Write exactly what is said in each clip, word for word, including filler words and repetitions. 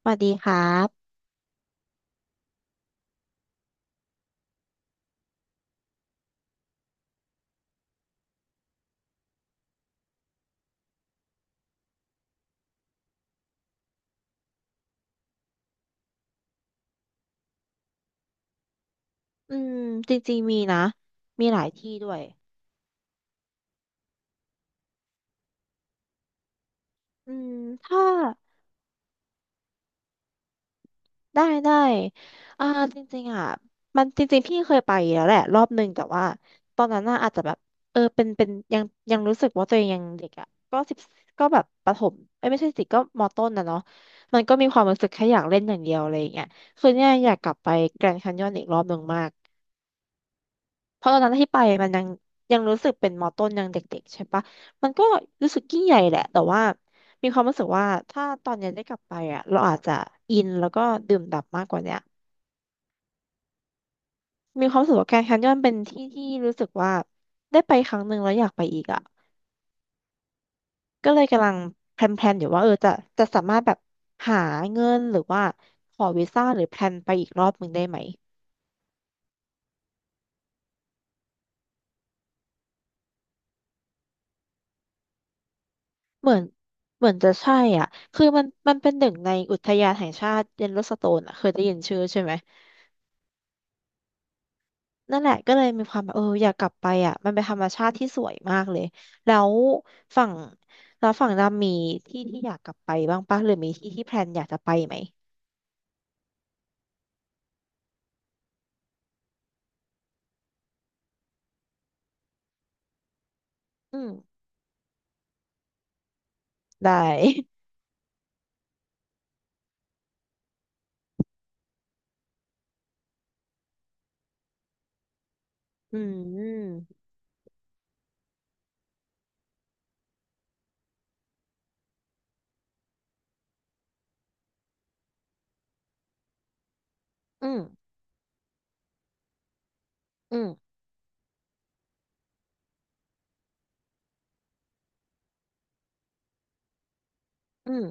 สวัสดีครับอืมจริงๆมีนะ มีหลายที่ด้วยอืมถ้าได้ได้อ่าจริงๆอ่ะมันจริงๆพี่เคยไปแล้วแหละรอบหนึ่งแต่ว่าตอนนั้นน่ะอาจจะแบบเออเป็นเป็นยังยังรู้สึกว่าตัวเองยังเด็กอ่ะก็สิบก็แบบประถมเอ้ยไม่ใช่สิก็มอต้นนะเนาะมันก็มีความรู้สึกแค่อยากเล่นอย่างเดียวอะไรอย่างเงี้ยคือเนี่ยอยากกลับไปแกรนด์แคนยอนอีกรอบหนึ่งมาก เพราะตอนนั้นที่ไปมันยังยังรู้สึกเป็นมอต้นยังเด็กๆใช่ปะมันก็รู้สึกยิ่งใหญ่แหละแต่ว่ามีความรู้สึกว่าถ้าตอนเนี้ยได้กลับไปอ่ะเราอาจจะอินแล้วก็ดื่มด่ำมากกว่าเนี้ยมีความรู้สึกว่าแกรนด์แคนยอนเป็นที่ที่รู้สึกว่าได้ไปครั้งหนึ่งแล้วอยากไปอีกอ่ะก็เลยกำลังแพลนๆอยู่ว่าเออจะจะสามารถแบบหาเงินหรือว่าขอวีซ่าหรือแพลนไปอีกรอบหนึ่งได้ไหมเหมือนเหมือนจะใช่อ่ะคือมันมันเป็นหนึ่งในอุทยานแห่งชาติเยลโลสโตนอ่ะเคยได้ยินชื่อใช่ไหม นั่นแหละก็เลยมีความแบบเอออยากกลับไปอ่ะมันเป็นธรรมชาติที่สวยมากเลยแล้วฝั่งแล้วฝั่งดำมีที่ที่อยากกลับไปบ้างปะหรือมีที่ที่แพลนอยากจะไปไหมอืมได้ อืมอืมอืมอืม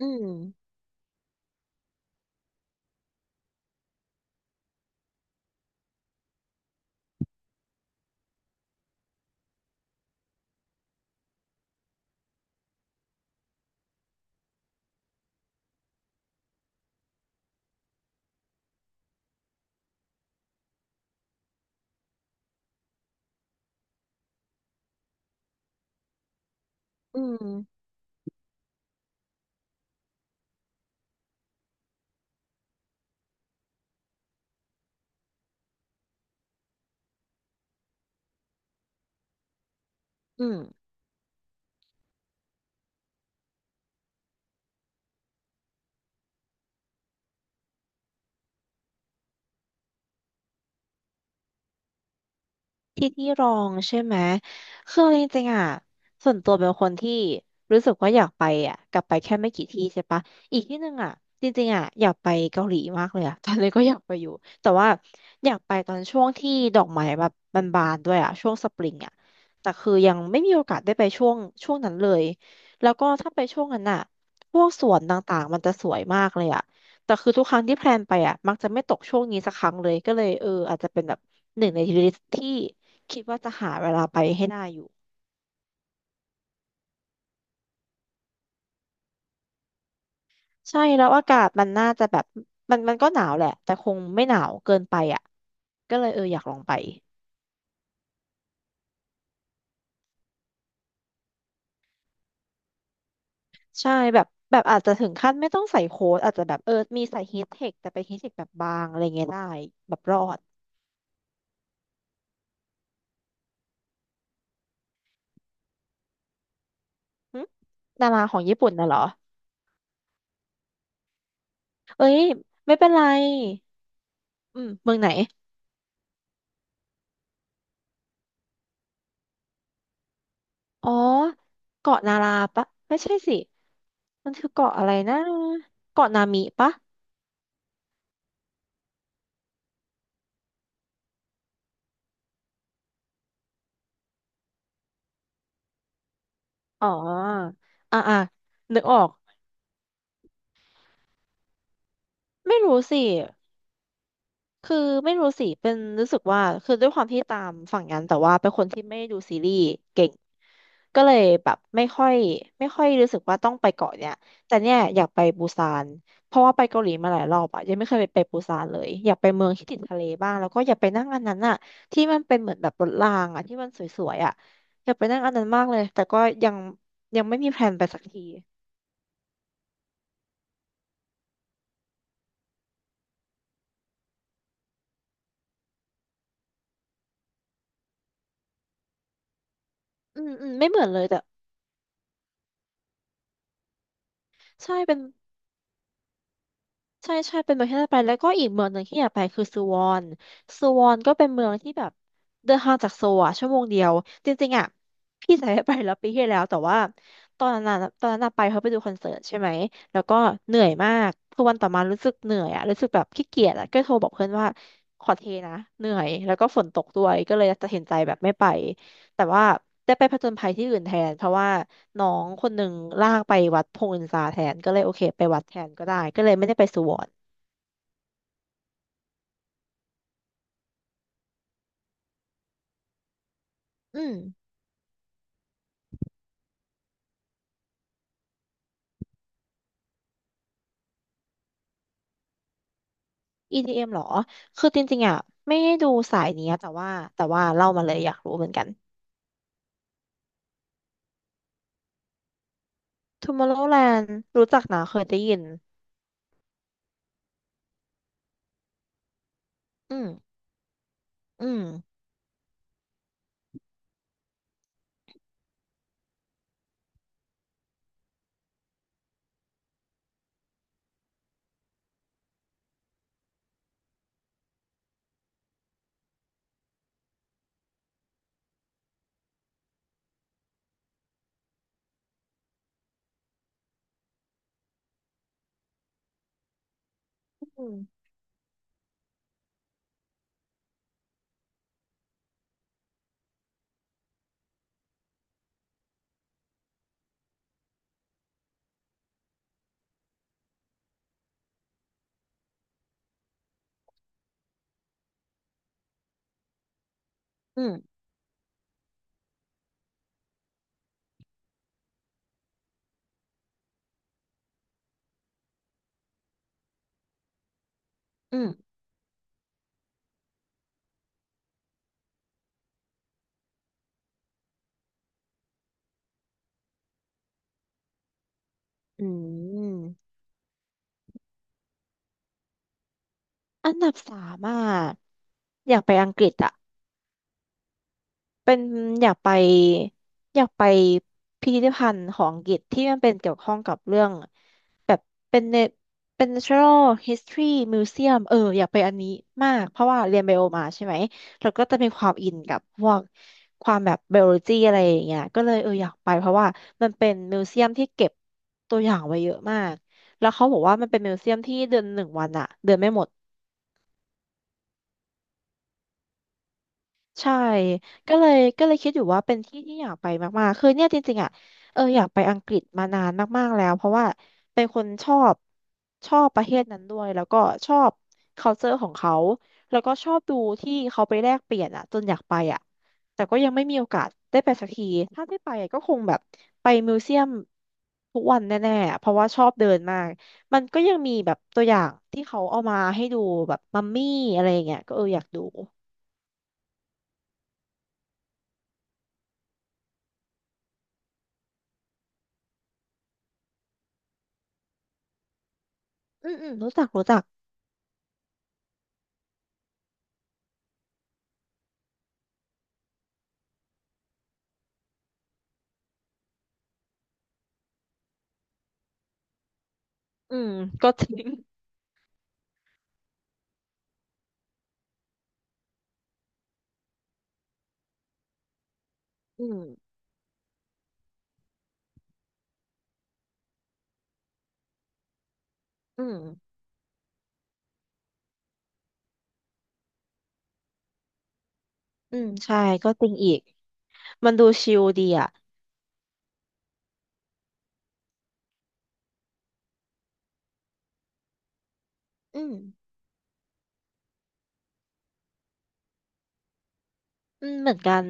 อืมอืมอืมอืม ที่ที่รองใช่ไหมคือจริงๆอ่ะส่วนตัวเป็นคนที่รู้สึกว่าอยากไปอ่ะกลับไปแค่ไม่กี่ที่ใช่ปะอีกที่หนึ่งอ่ะจริงๆอ่ะอยากไปเกาหลีมากเลยอ่ะ ตอนนี้ก็อยากไปอยู่แต่ว่าอยากไปตอนช่วงที่ดอกไม้แบบบานๆด้วยอ่ะช่วงสปริงอ่ะแต่คือยังไม่มีโอกาสได้ไปช่วงช่วงนั้นเลยแล้วก็ถ้าไปช่วงนั้นอ่ะพวกสวนต่างๆมันจะสวยมากเลยอ่ะแต่คือทุกครั้งที่แพลนไปอ่ะมักจะไม่ตกช่วงนี้สักครั้งเลยก็เลยเอออาจจะเป็นแบบหนึ่งในลิสที่ คิดว่าจะหาเวลาไปให้ได้อยู่ใช่แล้วอากาศมันน่าจะแบบมันมันก็หนาวแหละแต่คงไม่หนาวเกินไปอ่ะก็เลยเอออยากลองไปใช่แบบแบบอาจจะถึงขั้นไม่ต้องใส่โค้ทอาจจะแบบเออมีใส่ฮีทเทคแต่เป็นฮีทเทคแบบบางอะไรเงี้ยได้แบบรอดหึดาราของญี่ปุ่นน่ะเหรอเอ้ยไม่เป็นไรอืมเมืองไหนอ๋อเกาะนาราปะไม่ใช่สิมันคือเกาะอะไรนะเกาะนามิปะอ๋ออ่าอ่านึกออก ไม่รู้สิคือไม่รู้สิเป็นรู้สึกว่าคือด้วยความที่ตามฝั่งนั้นแต่ว่าเป็นคนที่ไม่ดูซีรีส์เก่งก็เลยแบบไม่ค่อยไม่ค่อยรู้สึกว่าต้องไปเกาะเนี่ยแต่เนี่ยอยากไปปูซานเพราะว่าไปเกาหลีมาหลายรอบอะยังไม่เคยไปไปปูซานเลยอยากไปเมืองที่ติดทะเลบ้างแล้วก็อยากไปนั่งอันนั้นอะที่มันเป็นเหมือนแบบรถรางอะที่มันสวยๆอะอยากไปนั่งอันนั้นมากเลยแต่ก็ยังยังไม่มีแพลนไปสักทีอืมอืมไม่เหมือนเลยแต่ใช่เป็น ใช่ใช่เป็นเมืองที่น่าไปแล้วก็อีกเมืองหนึ่งที่อยากไปคือซูวอนซูวอนก็เป็นเมืองที่แบบเดินทางจากโซลอะชั่วโมงเดียวจริงๆอะพี่สายไปแล้วปีที่แล้วแต่ว่าตอนนั้นอะตอนนั้นอะไปเขาะไปดูคอนเสิร์ตใช่ไหมแล้วก็เหนื่อยมากคือวันต่อมารู้สึกเหนื่อยอะรู้สึกแบบขี้เกียจอะก็โทรบอกเพื่อนว่าขอเทนะเหนื่อยแล้วก็ฝนตกด้วยก็เลยตัดสินใจแบบไม่ไปแต่ว่าได้ไปผจญภัยที่อื่นแทนเพราะว่า น้องคนหนึ่งลากไปวัดพงศ์อินทราแทนก็เลยโอเคไปวัดแทนก็ได้ก็เลยไม่ได้ไปสุวรรณอืม อี ดี เอ็ม เอ็มเหรอคือจริงๆอ่ะไม่ได้ดูสายเนี้ยแต่ว่าแต่ว่าเล่ามาเลยอยากรู้เหมือนกัน Tomorrowland รู้จักนะเคยได้ยินอืมอืมอืมอืมอืมอืมอันดับสามอ่ะอยากไปอังกฤษอ่ะ เป็นอยากไปอยากไปพิพิธภัณฑ์ของอังกฤษที่มันเป็นเกี่ยวข้องกับเรื่องแบบเป็นเนเป็น Natural History Museum เอออยากไปอันนี้มากเพราะว่าเรียนไบโอมาใช่ไหมแล้วก็จะมีความอินกับพวกความแบบไบโอโลจีอะไรอย่างเงี้ยก็เลยเอออยากไปเพราะว่ามันเป็นมิวเซียมที่เก็บตัวอย่างไว้เยอะมากแล้วเขาบอกว่ามันเป็นมิวเซียมที่เดือนหนึ่งวันอะเดินไม่หมด ใช่ก็เลยก็เลยคิดอยู่ว่าเป็นที่ที่อยากไปมากๆคือเนี่ยจริงๆอ่ะเอออยากไปอังกฤษมานานมากๆแล้วเพราะว่าเป็นคนชอบชอบประเทศนั้นด้วยแล้วก็ชอบ culture ของเขาแล้วก็ชอบดูที่เขาไปแลกเปลี่ยนอ่ะจนอยากไปอ่ะแต่ก็ยังไม่มีโอกาสได้ไปสักทีถ้าได้ไปอะก็คงแบบไปมิวเซียมทุกวันแน่ๆอะเพราะว่าชอบเดินมากมันก็ยังมีแบบตัวอย่างที่เขาเอามาให้ดูแบบมัมมี่อะไรอย่างเงี้ยก็เอออยากดูอืมอืมรู้จักรู้จัก อืมก็ทิ้งอืมอืมอืมใช่ก็จริงอีกมันดูชิลดีอ่ะอืมอืมเหมือนกัน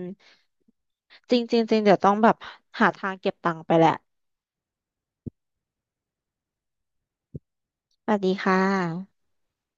จริงจริงจริงเดี๋ยวต้องแบบหาทางเก็บตังค์ไปแหละสวัสดีค่ะ